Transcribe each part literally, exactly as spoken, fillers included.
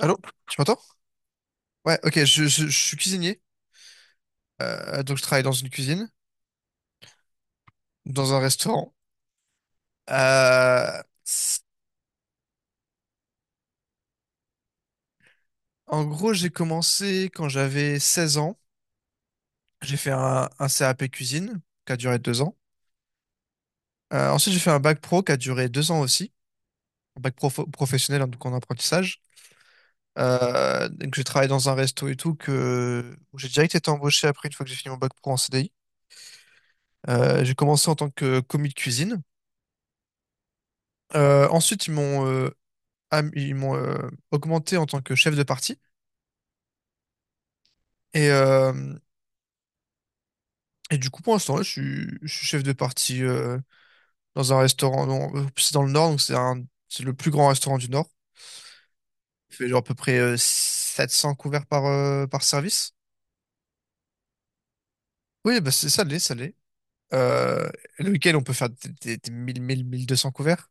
Allô? Tu m'entends? Ouais, ok, je, je- je suis cuisinier. Euh, donc, je travaille dans une cuisine, dans un restaurant. Euh, c- En gros, j'ai commencé quand j'avais seize ans. J'ai fait un, un C A P cuisine qui a duré deux ans. Euh, ensuite, j'ai fait un bac pro qui a duré deux ans aussi. Un bac pro professionnel, hein, donc en apprentissage. Euh, donc, j'ai travaillé dans un resto et tout que où j'ai direct été embauché après une fois que j'ai fini mon bac pro en C D I. Euh, j'ai commencé en tant que commis de cuisine. Euh, ensuite, ils m'ont euh, am- ils m'ont euh, augmenté en tant que chef de parti. Et, euh, et du coup, pour l'instant, là, je suis, je suis chef de parti euh, dans un restaurant. Non, euh, C'est dans le Nord, donc c'est un, c'est le plus grand restaurant du Nord. Il fait genre à peu près euh, sept cents couverts par, euh, par service. Oui, bah c'est ça, l'est, ça l'est. Euh, le week-end, on peut faire des, des, des mille mille, mille deux cents couverts.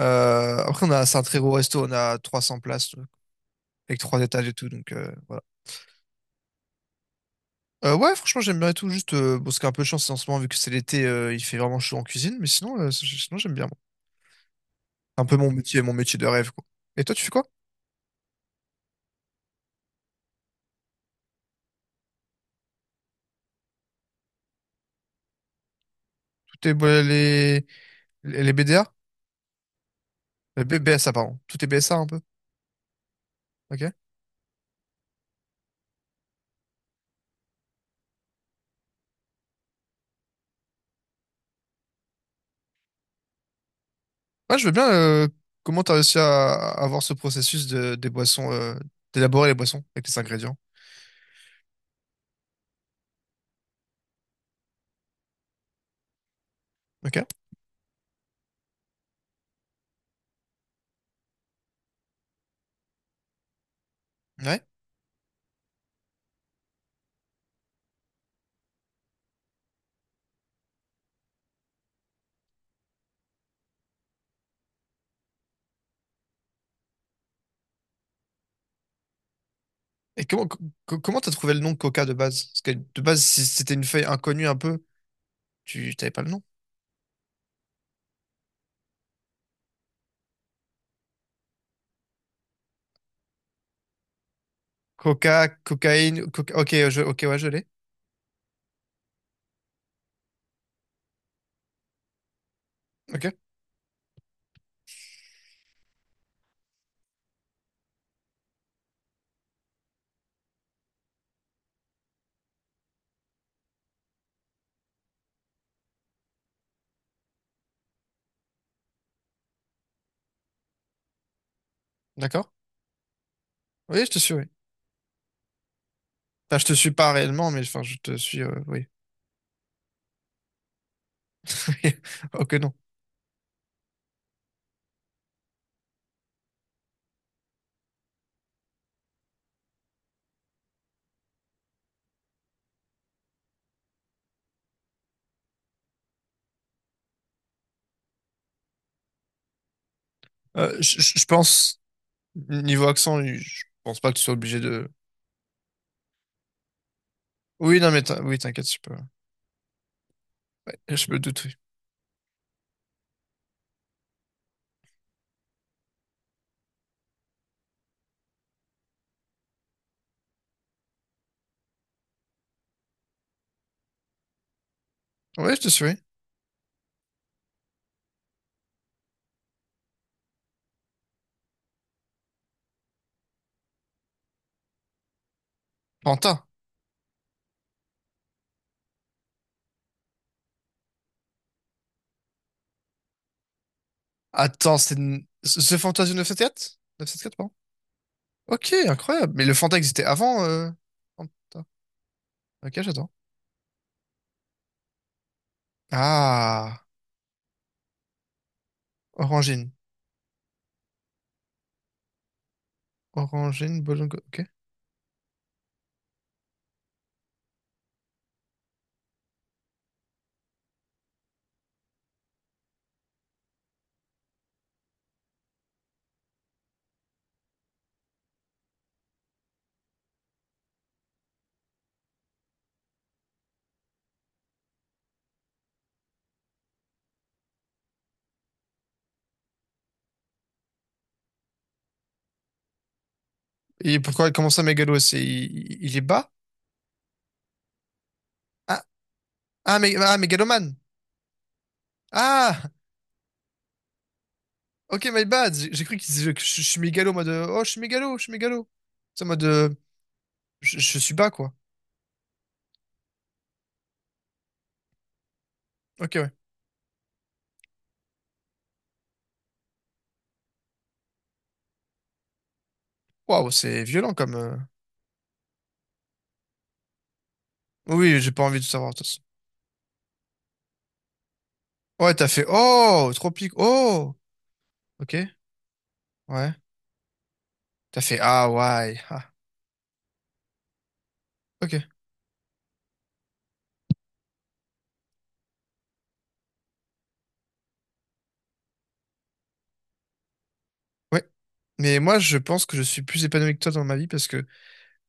Euh, après, on a, c'est un très gros resto, on a trois cents places euh, avec trois étages et tout, donc euh, voilà. Euh, ouais, franchement, j'aime bien et tout. Juste, euh, bon, c'est un peu chance en ce moment, vu que c'est l'été, euh, il fait vraiment chaud en cuisine, mais sinon, euh, c'est- sinon j'aime bien. moi. C'est un peu mon métier, mon métier de rêve, quoi. Et toi, tu fais quoi? Tout tes bo- les, les les B D A? Euh, B- BSA, pardon. Tout est B S A un peu. Ok. Ouais, je veux bien. Euh, comment t'as réussi à à avoir ce processus de, des boissons, euh, d'élaborer les boissons avec les ingrédients? Ok. Ouais. Et comment co- co- comment t'as trouvé le nom de Coca de base? Parce que de base, si c'était une feuille inconnue un peu, tu t'avais pas le nom. Coca, cocaïne, coca. Ok, je... ok, ouais, je l'ai. Ok. D'accord? Oui, je te suis, oui. Enfin, je te suis pas réellement, mais enfin, je te suis, euh, oui. Ok, non. Euh, je, je- je pense, niveau accent, je pense pas que tu sois obligé de... Oui, non, mais t'in- oui, t'inquiète, je peux. Ouais, je me doute, oui. Oui, je te suis, oui. Fanta. Attends, c'est... n- The Fantasy neuf sept quatre? neuf sept quatre, pardon. Ok, incroyable. Mais le Fanta existait avant, euh... Fanta. Ok, j'attends. Ah, Orangine. Orangine, Bolongo, ok. Et pourquoi, comment ça, Mégalo, c'est... Il, il est bas? Ah, ah, Mé- ah, Mégalomane! Ah! Ok, my bad! J'ai j'ai cru qu'il disait que je, je suis mégalo, en mode euh, Oh, je suis mégalo, je suis mégalo. C'est en mode euh, je, je suis bas, quoi. Ok, ouais. Waouh, c'est violent comme. euh. Oui, j'ai pas envie de savoir, de toute façon. Ouais, t'as fait Oh! Tropique, oh! Ok, ouais. T'as fait Ah, ouais. Ah, ok, ouais. Mais moi, je pense que je suis plus épanoui que toi dans ma vie parce que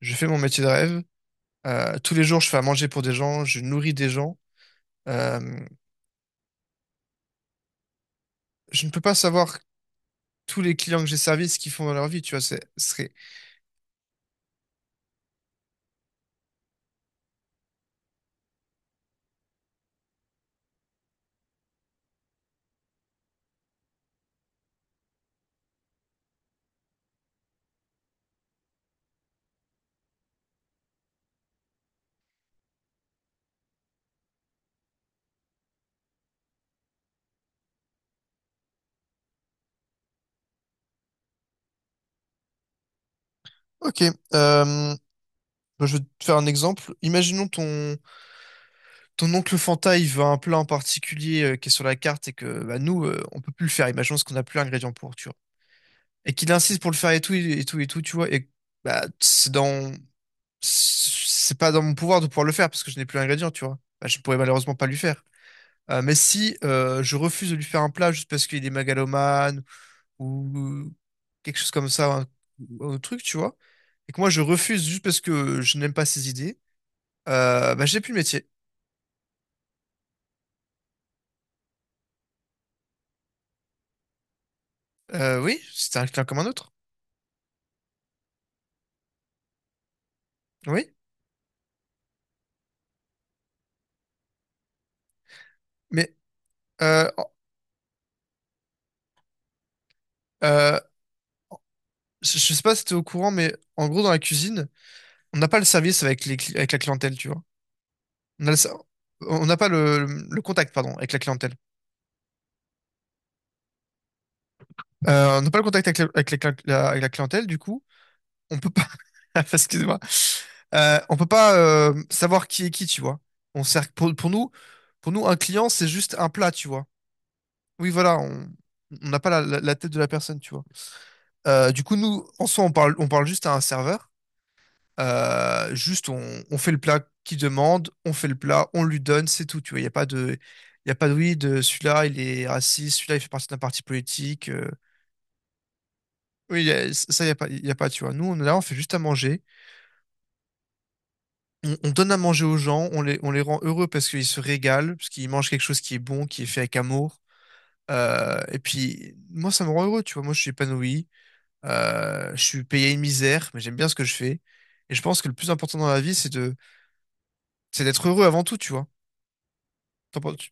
je fais mon métier de rêve. Euh, tous les jours, je fais à manger pour des gens, je nourris des gens. Euh, je ne peux pas savoir tous les clients que j'ai servis ce qu'ils font dans leur vie, tu vois. C'est, ce serait... Ok, euh, bah, je vais te faire un exemple. Imaginons ton, ton oncle Fanta, il veut un plat en particulier euh, qui est sur la carte et que bah, nous, euh, on peut plus le faire. Imaginons parce qu'on n'a plus l'ingrédient pour, tu vois. Et qu'il insiste pour le faire et tout, et tout, et tout, tu vois. Et bah, c'est dans... c'est pas dans mon pouvoir de pouvoir le faire parce que je n'ai plus l'ingrédient, tu vois. Bah, je ne pourrais malheureusement pas lui faire. Euh, mais si euh, je refuse de lui faire un plat juste parce qu'il est mégalomane ou quelque chose comme ça, un, un truc, tu vois, et que moi je refuse juste parce que je n'aime pas ses idées, Euh, bah, j'ai plus le métier. Euh, oui, c'était un client comme un autre. Oui, mais euh, en- euh, je je sais pas si t'es au courant, mais en gros, dans la cuisine, on n'a pas le service avec les, cli- avec la clientèle, tu vois. On a le ser- on n'a pas le, le contact, pardon, avec la clientèle. Euh, on n'a pas le contact avec, la, avec la cli- la- avec la clientèle, du coup, on peut pas, excuse-moi, Euh, on peut pas euh, savoir qui est qui, tu vois. On sert, pour, pour nous, pour nous, un client, c'est juste un plat, tu vois. Oui, voilà, on on n'a pas la la- la tête de la personne, tu vois. Euh, du coup, nous, en soi, on parle, on parle juste à un serveur. Euh, juste, on, on fait le plat qu'il demande, on fait le plat, on lui donne, c'est tout. Tu vois, il n'y a pas de, il y a pas de oui, de celui-là, il est raciste, celui-là, il fait partie d'un parti politique. euh. Oui, y a- ça, il n'y a pas, y a pas, tu vois. Nous, on est là, on fait juste à manger. On, on donne à manger aux gens, on les, on les rend heureux parce qu'ils se régalent, parce qu'ils mangent quelque chose qui est bon, qui est fait avec amour. Euh, et puis, moi, ça me rend heureux, tu vois. Moi, je suis épanoui. Euh, je suis payé une misère, mais j'aime bien ce que je fais. Et je pense que le plus important dans la vie, c'est de, c'est d'être heureux avant tout, tu vois. T'en penses- tu-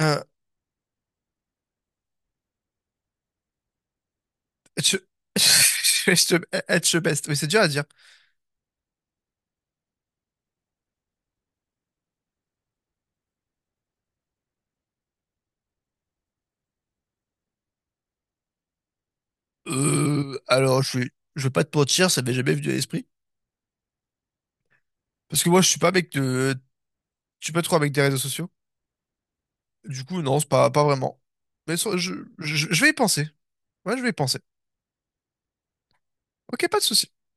euh, être, être- être the best. Oui, c'est dur à dire. Euh, alors, je suis, je veux pas te mentir, ça m'est jamais venu à l'esprit. Parce que moi, je suis pas avec de, je suis pas trop avec des réseaux sociaux. Du coup, non, c'est pas, pas vraiment. Mais ça, je, je, je vais y penser. Ouais, je vais y penser. Ok, pas de souci.